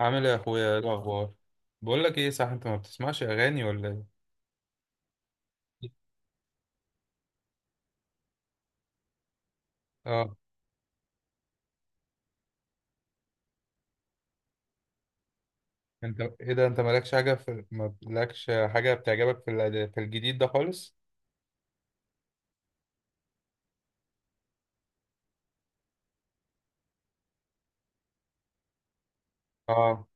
عامل ايه يا اخويا؟ ايه الاخبار؟ بقول لك ايه، صح، انت ما بتسمعش اغاني ولا ايه؟ اه انت ايه ده؟ انت مالكش حاجه ما لكش حاجه بتعجبك في في الجديد ده خالص؟ اه،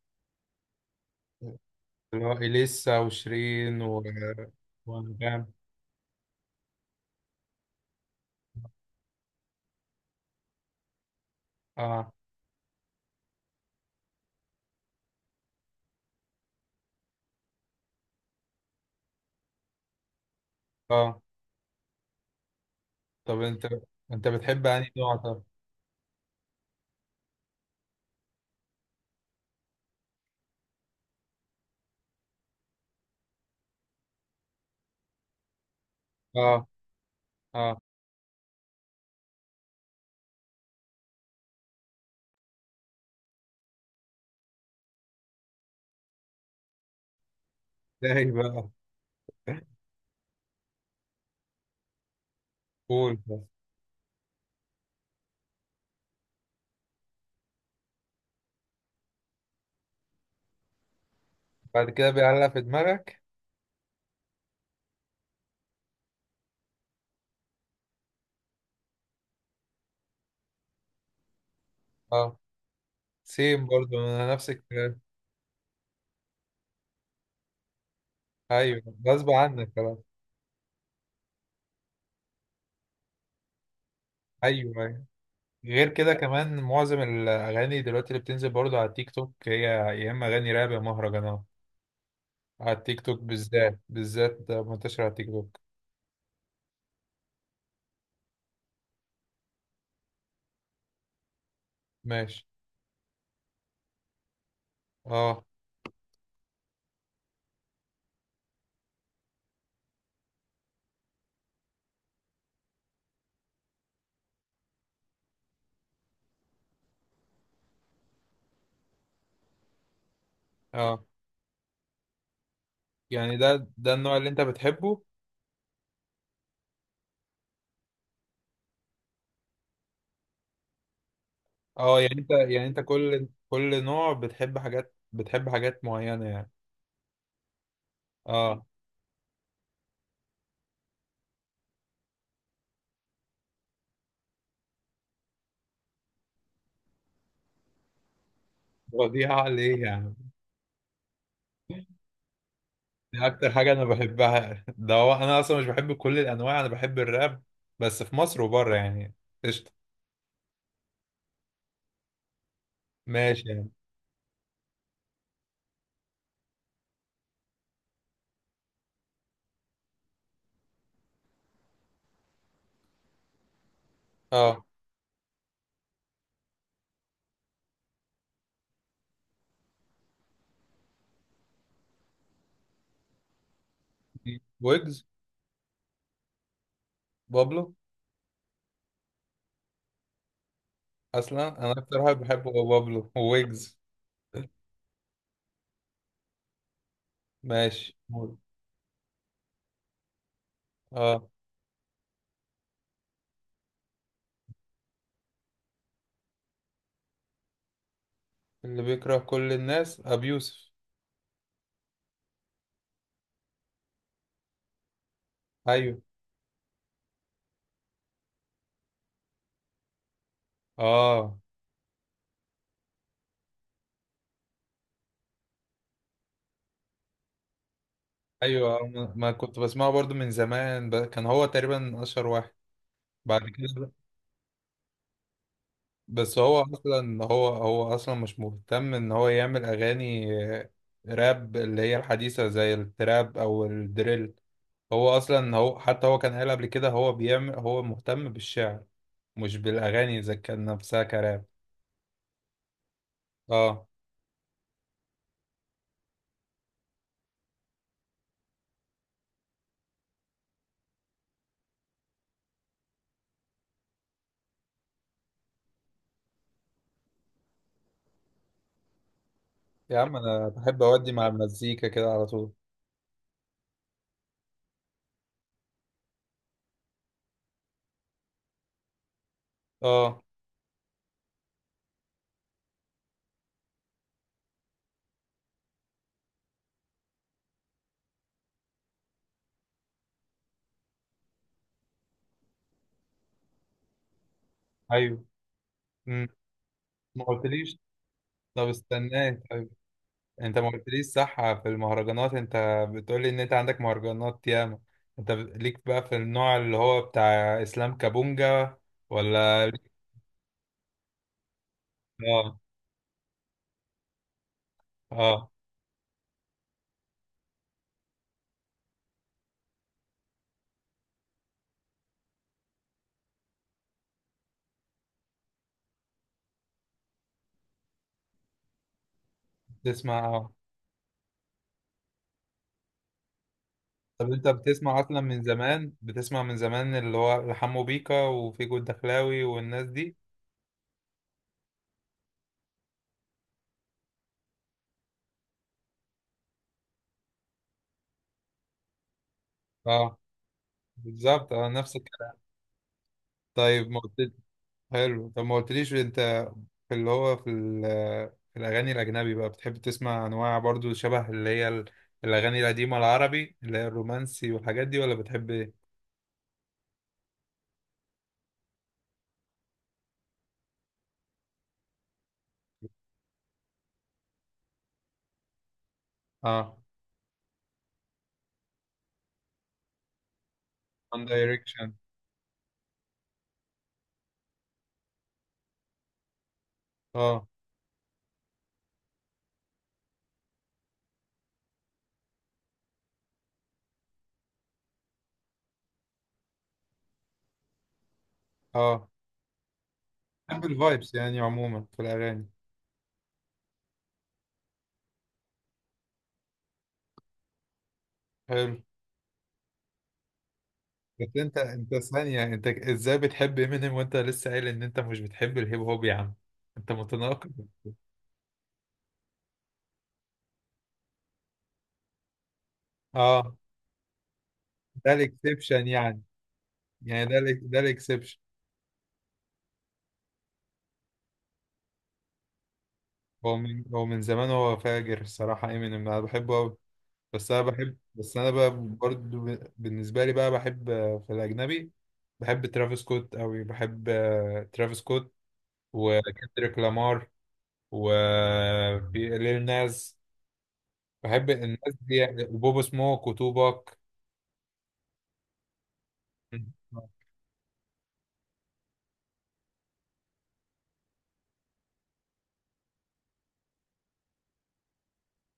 اللي هو اليسا وشيرين وانغام. اه، اه. طب انت، انت بتحب انهي نوع طب؟ اه. اه. ده بقى قول بس. بعد كده بيعلق في دماغك؟ اه، سيم برضو انا نفس الكلام. ايوه، غصب عنك خلاص. ايوه، ايوه. غير كده كمان معظم الأغاني دلوقتي اللي بتنزل برضو على التيك توك هي يا إما أغاني راب يا مهرجانات. على التيك توك بالذات، بالذات ده منتشر على التيك توك. ماشي. اه. اه. يعني ده النوع اللي أنت بتحبه؟ اه، يعني أنت، يعني أنت كل نوع بتحب حاجات، بتحب حاجات معينة يعني. اه. فظيعة ليه يعني؟ دي أكتر حاجة أنا بحبها. ده هو أنا أصلا مش بحب كل الأنواع، أنا بحب الراب، بس في مصر وبره يعني. قشطة. ماشي يعني. اه. ويجز. بابلو. اصلا انا اكتر واحد بحبه هو بابلو وويجز. ماشي. اه، اللي بيكره كل الناس ابي يوسف. ايوه. اه. ايوه. آه، ما كنت بسمعه برضو من زمان كان هو تقريبا اشهر واحد. بعد كده، بس هو اصلا مش مهتم ان هو يعمل اغاني آه، راب اللي هي الحديثة زي التراب او الدريل. هو كان قال قبل كده هو مهتم بالشعر مش بالاغاني اذا كان نفسها كراب. اه، يا عم انا بحب اودي مع المزيكا كده على طول. اه. ايوه. امم. ما قلتليش. طب استناك طيب، انت ما قلتليش صح في المهرجانات، انت بتقولي ان انت عندك مهرجانات ياما. انت ليك بقى في النوع اللي هو بتاع اسلام كابونجا، ولا اه. اه. بتسمع؟ اه. طب انت بتسمع اصلا من زمان، بتسمع من زمان اللي هو حمو بيكا وفيجو الدخلاوي والناس دي. اه. بالظبط، اه نفس الكلام. طيب ما قلت، حلو، طب ما قلتليش انت في اللي هو في الاغاني الاجنبي بقى، بتحب تسمع انواع برضو شبه اللي هي الاغاني القديمه العربي اللي هي الرومانسي والحاجات دي، ولا بتحب ايه؟ اه، وان دايركشن. اه. اه. بحب الفايبس يعني عموما في الاغاني. حلو. بس انت، انت ثانيه، انت ازاي بتحب امينيم وانت لسه قايل ان انت مش بتحب الهيب هوب يا عم؟ انت متناقض. اه. ده الاكسبشن يعني. يعني ده ده الاكسبشن. هو من، هو من زمان هو فاجر الصراحة امينيم، انا بحبه قوي. بس انا بحب، بس انا بقى برضه بالنسبة لي بقى بحب آه، في الاجنبي بحب ترافيس سكوت قوي. بحب آه، ترافيس سكوت، وكندريك لامار، وليل ناز، بحب الناس دي. وبوب سموك وتوباك.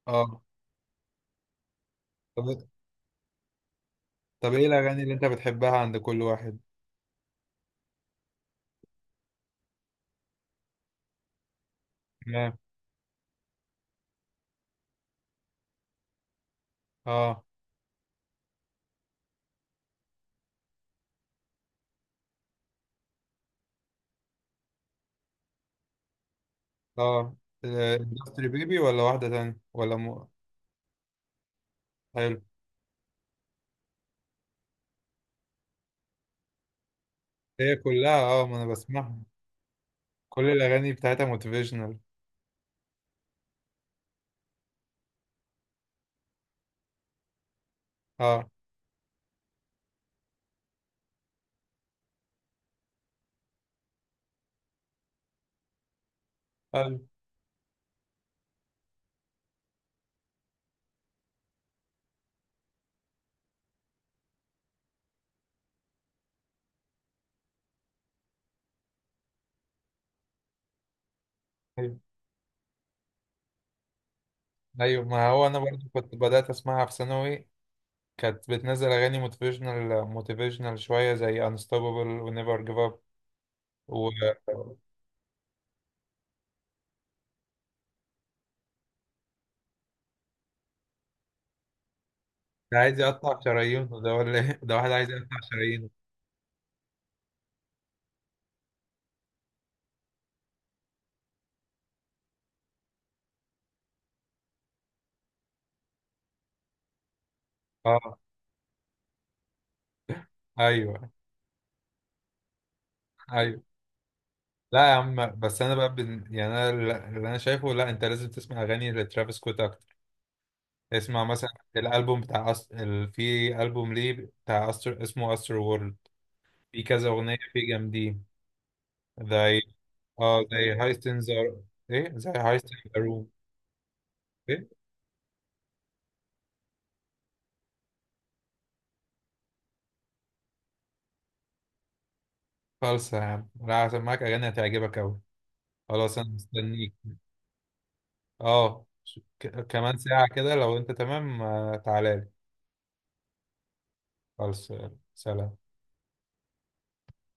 اه. طب، طب ايه الاغاني اللي انت بتحبها عند كل واحد؟ تمام. اه. اه. اندستري بيبي ولا واحدة تانية ولا حلو. هي كلها اه، ما انا بسمعها. كل الاغاني بتاعتها موتيفيشنال. اه. ايوه. ايوه. أيوة، ما هو انا برضو كنت بدات اسمعها في ثانوي، كانت بتنزل اغاني موتيفيشنال، موتيفيشنال شويه زي انستوبابل ونيفر جيف اب و... ده عايز يقطع شرايينه ده ولا ايه؟ ده واحد عايز يقطع شرايينه. اه. ايوه. ايوه. لا يا عم، بس انا بقى يعني انا اللي، انا شايفه لا، انت لازم تسمع اغاني لترافيس سكوت اكتر. اسمع مثلا الالبوم بتاع في البوم ليه بتاع اسمه استر وورلد، في كذا اغنيه فيه جامدين زي، اه زي هايستن زار. ايه، زي هايستن ذا روم. ايه. خالصة يا عم، لا هسمعك اغاني هتعجبك اوي. خلاص انا مستنيك. اه، كمان ساعه كده لو انت تمام آه، تعالى لي. خالص. سلام.